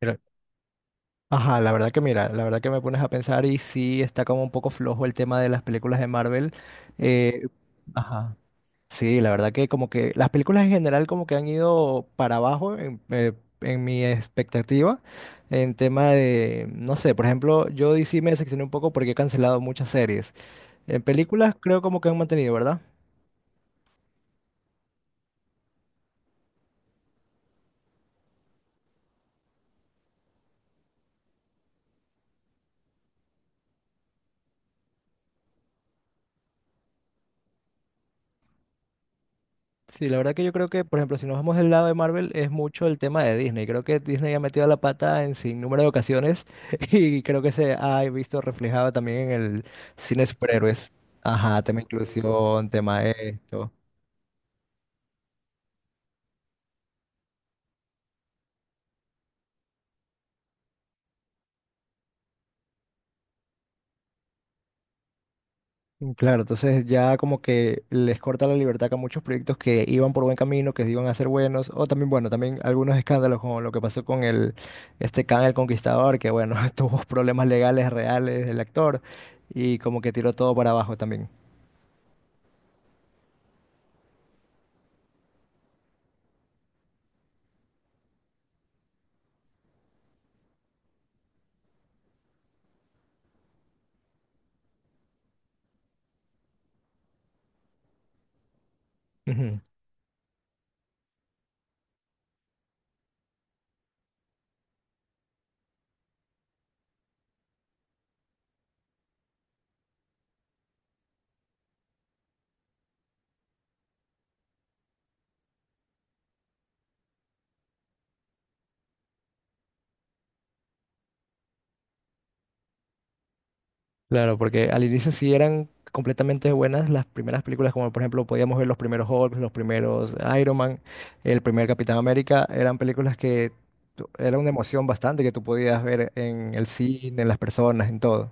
Mira, ajá, la verdad que mira, la verdad que me pones a pensar y sí está como un poco flojo el tema de las películas de Marvel. Eh, ajá, sí, la verdad que como que las películas en general como que han ido para abajo en mi expectativa en tema de, no sé, por ejemplo, yo DC me decepcioné un poco porque he cancelado muchas series. En películas creo como que han mantenido, ¿verdad? Sí, la verdad que yo creo que, por ejemplo, si nos vamos del lado de Marvel, es mucho el tema de Disney. Creo que Disney ha metido la pata en sin número de ocasiones y creo que se ha visto reflejado también en el cine de superhéroes. Ajá, tema inclusión, tema esto. Mm, claro, entonces ya como que les corta la libertad que a muchos proyectos que iban por buen camino, que iban a ser buenos, o también, bueno, también algunos escándalos como lo que pasó con este Kang el Conquistador, que bueno, tuvo problemas legales reales del actor y como que tiró todo para abajo también. Ujú. Claro, porque al inicio sí eran completamente buenas las primeras películas, como por ejemplo podíamos ver los primeros Hulk, los primeros Iron Man, el primer Capitán América, eran películas que era una emoción bastante que tú podías ver en el cine, en las personas, en todo.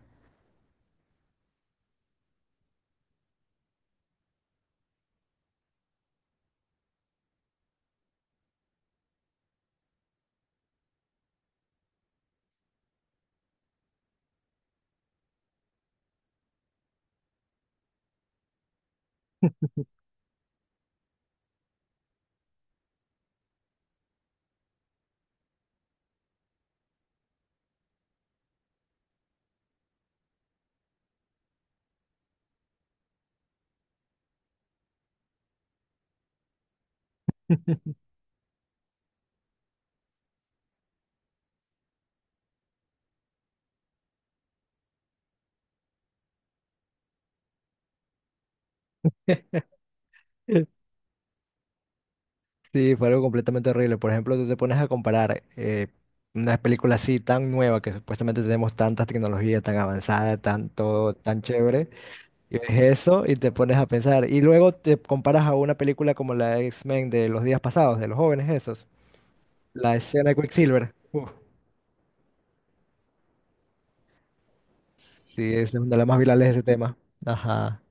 Mm. Sí, fue algo completamente horrible. Por ejemplo, tú te pones a comparar una película así tan nueva que supuestamente tenemos tanta tecnología tan avanzada, tan todo, tan chévere. Y ves eso y te pones a pensar. Y luego te comparas a una película como la de X-Men de los días pasados, de los jóvenes esos. La escena de Quicksilver. Uf, sí, esa es una de las más virales de ese tema. Ajá.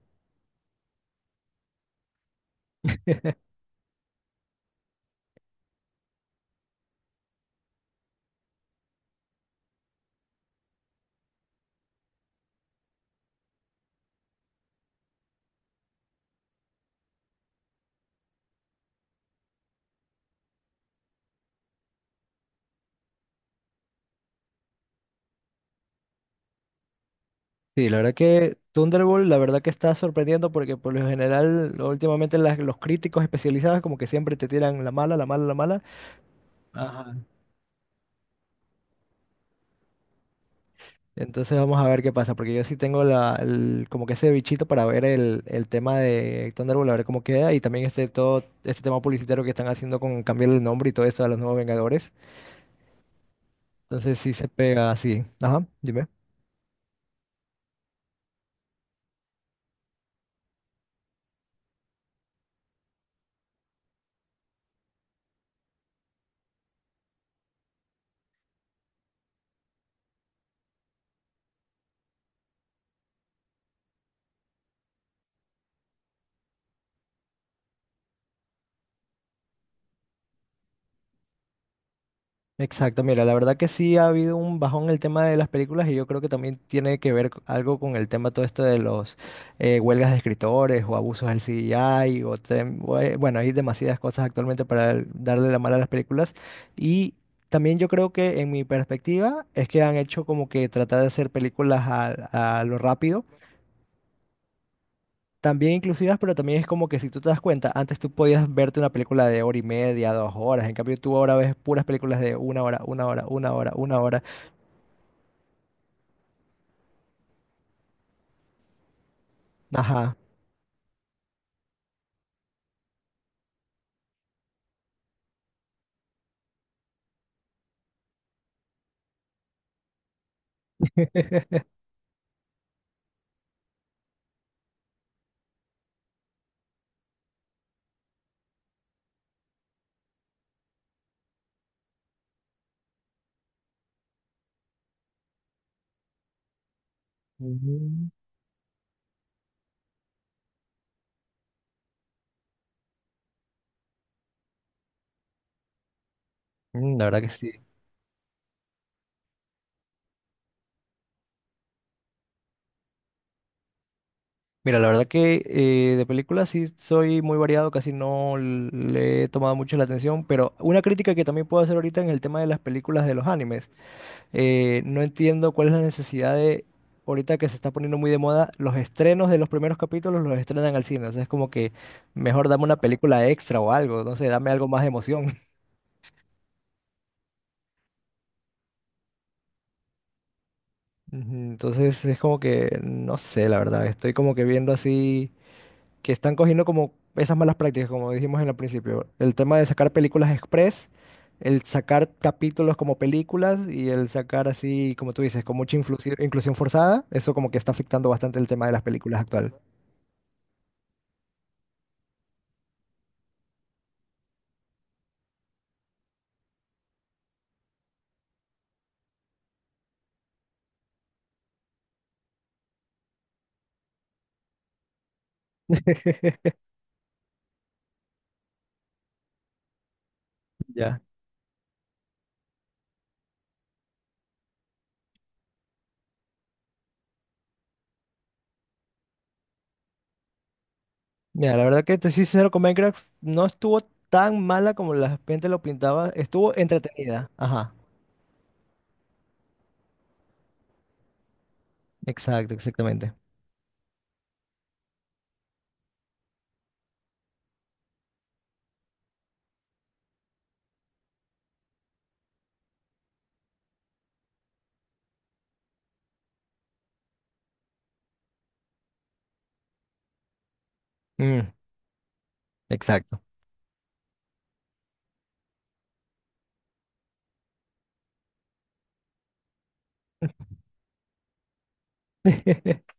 Sí, la verdad que Thunderbolt, la verdad que está sorprendiendo porque por lo general, últimamente los críticos especializados como que siempre te tiran la mala, la mala, la mala. Ajá. Entonces vamos a ver qué pasa, porque yo sí tengo como que ese bichito para ver el tema de Thunderbolt, a ver cómo queda, y también este todo este tema publicitario que están haciendo con cambiar el nombre y todo esto de los nuevos Vengadores. Entonces sí se pega así. Ajá, dime. Exacto, mira, la verdad que sí ha habido un bajón en el tema de las películas y yo creo que también tiene que ver algo con el tema todo esto de los huelgas de escritores o abusos del CGI o bueno, hay demasiadas cosas actualmente para darle la mala a las películas y también yo creo que en mi perspectiva es que han hecho como que tratar de hacer películas a lo rápido. También inclusivas, pero también es como que si tú te das cuenta, antes tú podías verte una película de hora y media, dos horas, en cambio tú ahora ves puras películas de una hora, una hora, una hora, una hora. Ajá. Mm, mm. La verdad que sí. Mira, la verdad que de películas sí soy muy variado, casi no le he tomado mucho la atención, pero una crítica que también puedo hacer ahorita en el tema de las películas de los animes. No entiendo cuál es la necesidad de, ahorita que se está poniendo muy de moda, los estrenos de los primeros capítulos los estrenan al cine. O sea, es como que mejor dame una película extra o algo, no sé, dame algo más de emoción. Ujú, entonces es como que, no sé, la verdad, estoy como que viendo así, que están cogiendo como esas malas prácticas, como dijimos en el principio. El tema de sacar películas express, el sacar capítulos como películas y el sacar así, como tú dices, con mucha inclusión forzada, eso como que está afectando bastante el tema de las películas actual. Ya. Mira, la verdad que te soy sincero con Minecraft, no estuvo tan mala como la gente lo pintaba, estuvo entretenida. Ajá, exacto, exactamente. Mm, exacto.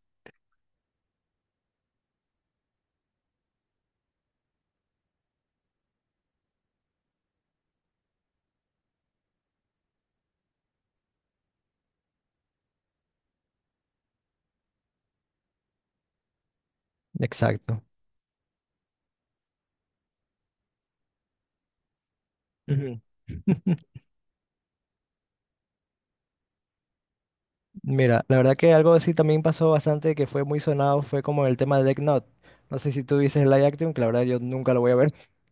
Exacto. Ujú. Mira, la verdad que algo así también pasó bastante que fue muy sonado, fue como el tema de Death Note. No sé si tú dices live action, que la verdad yo nunca lo voy a ver.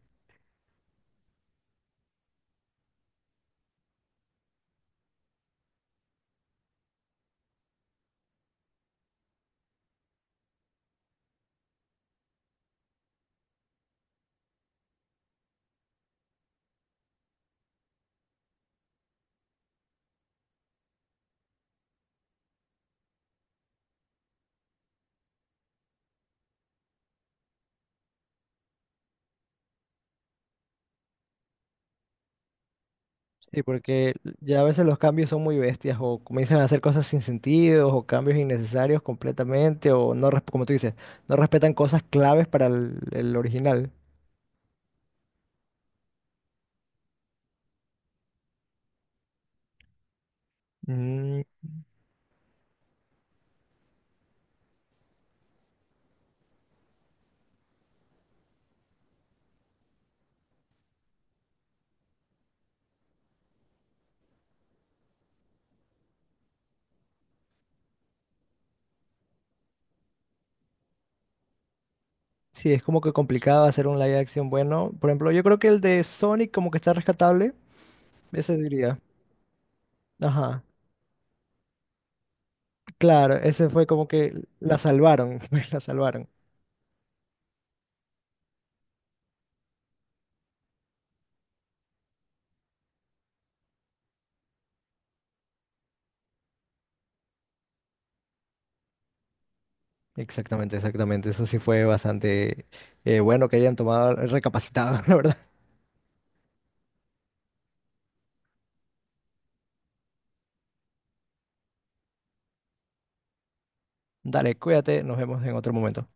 Sí, porque ya a veces los cambios son muy bestias o comienzan a hacer cosas sin sentido o cambios innecesarios completamente o no, como tú dices, no respetan cosas claves para el original. Mm, sí, es como que complicado hacer un live action bueno. Por ejemplo, yo creo que el de Sonic como que está rescatable, ese diría. Ajá, claro, ese fue como que la salvaron, pues la salvaron. Exactamente, exactamente. Eso sí fue bastante bueno que hayan tomado, recapacitado, la verdad. Dale, cuídate, nos vemos en otro momento.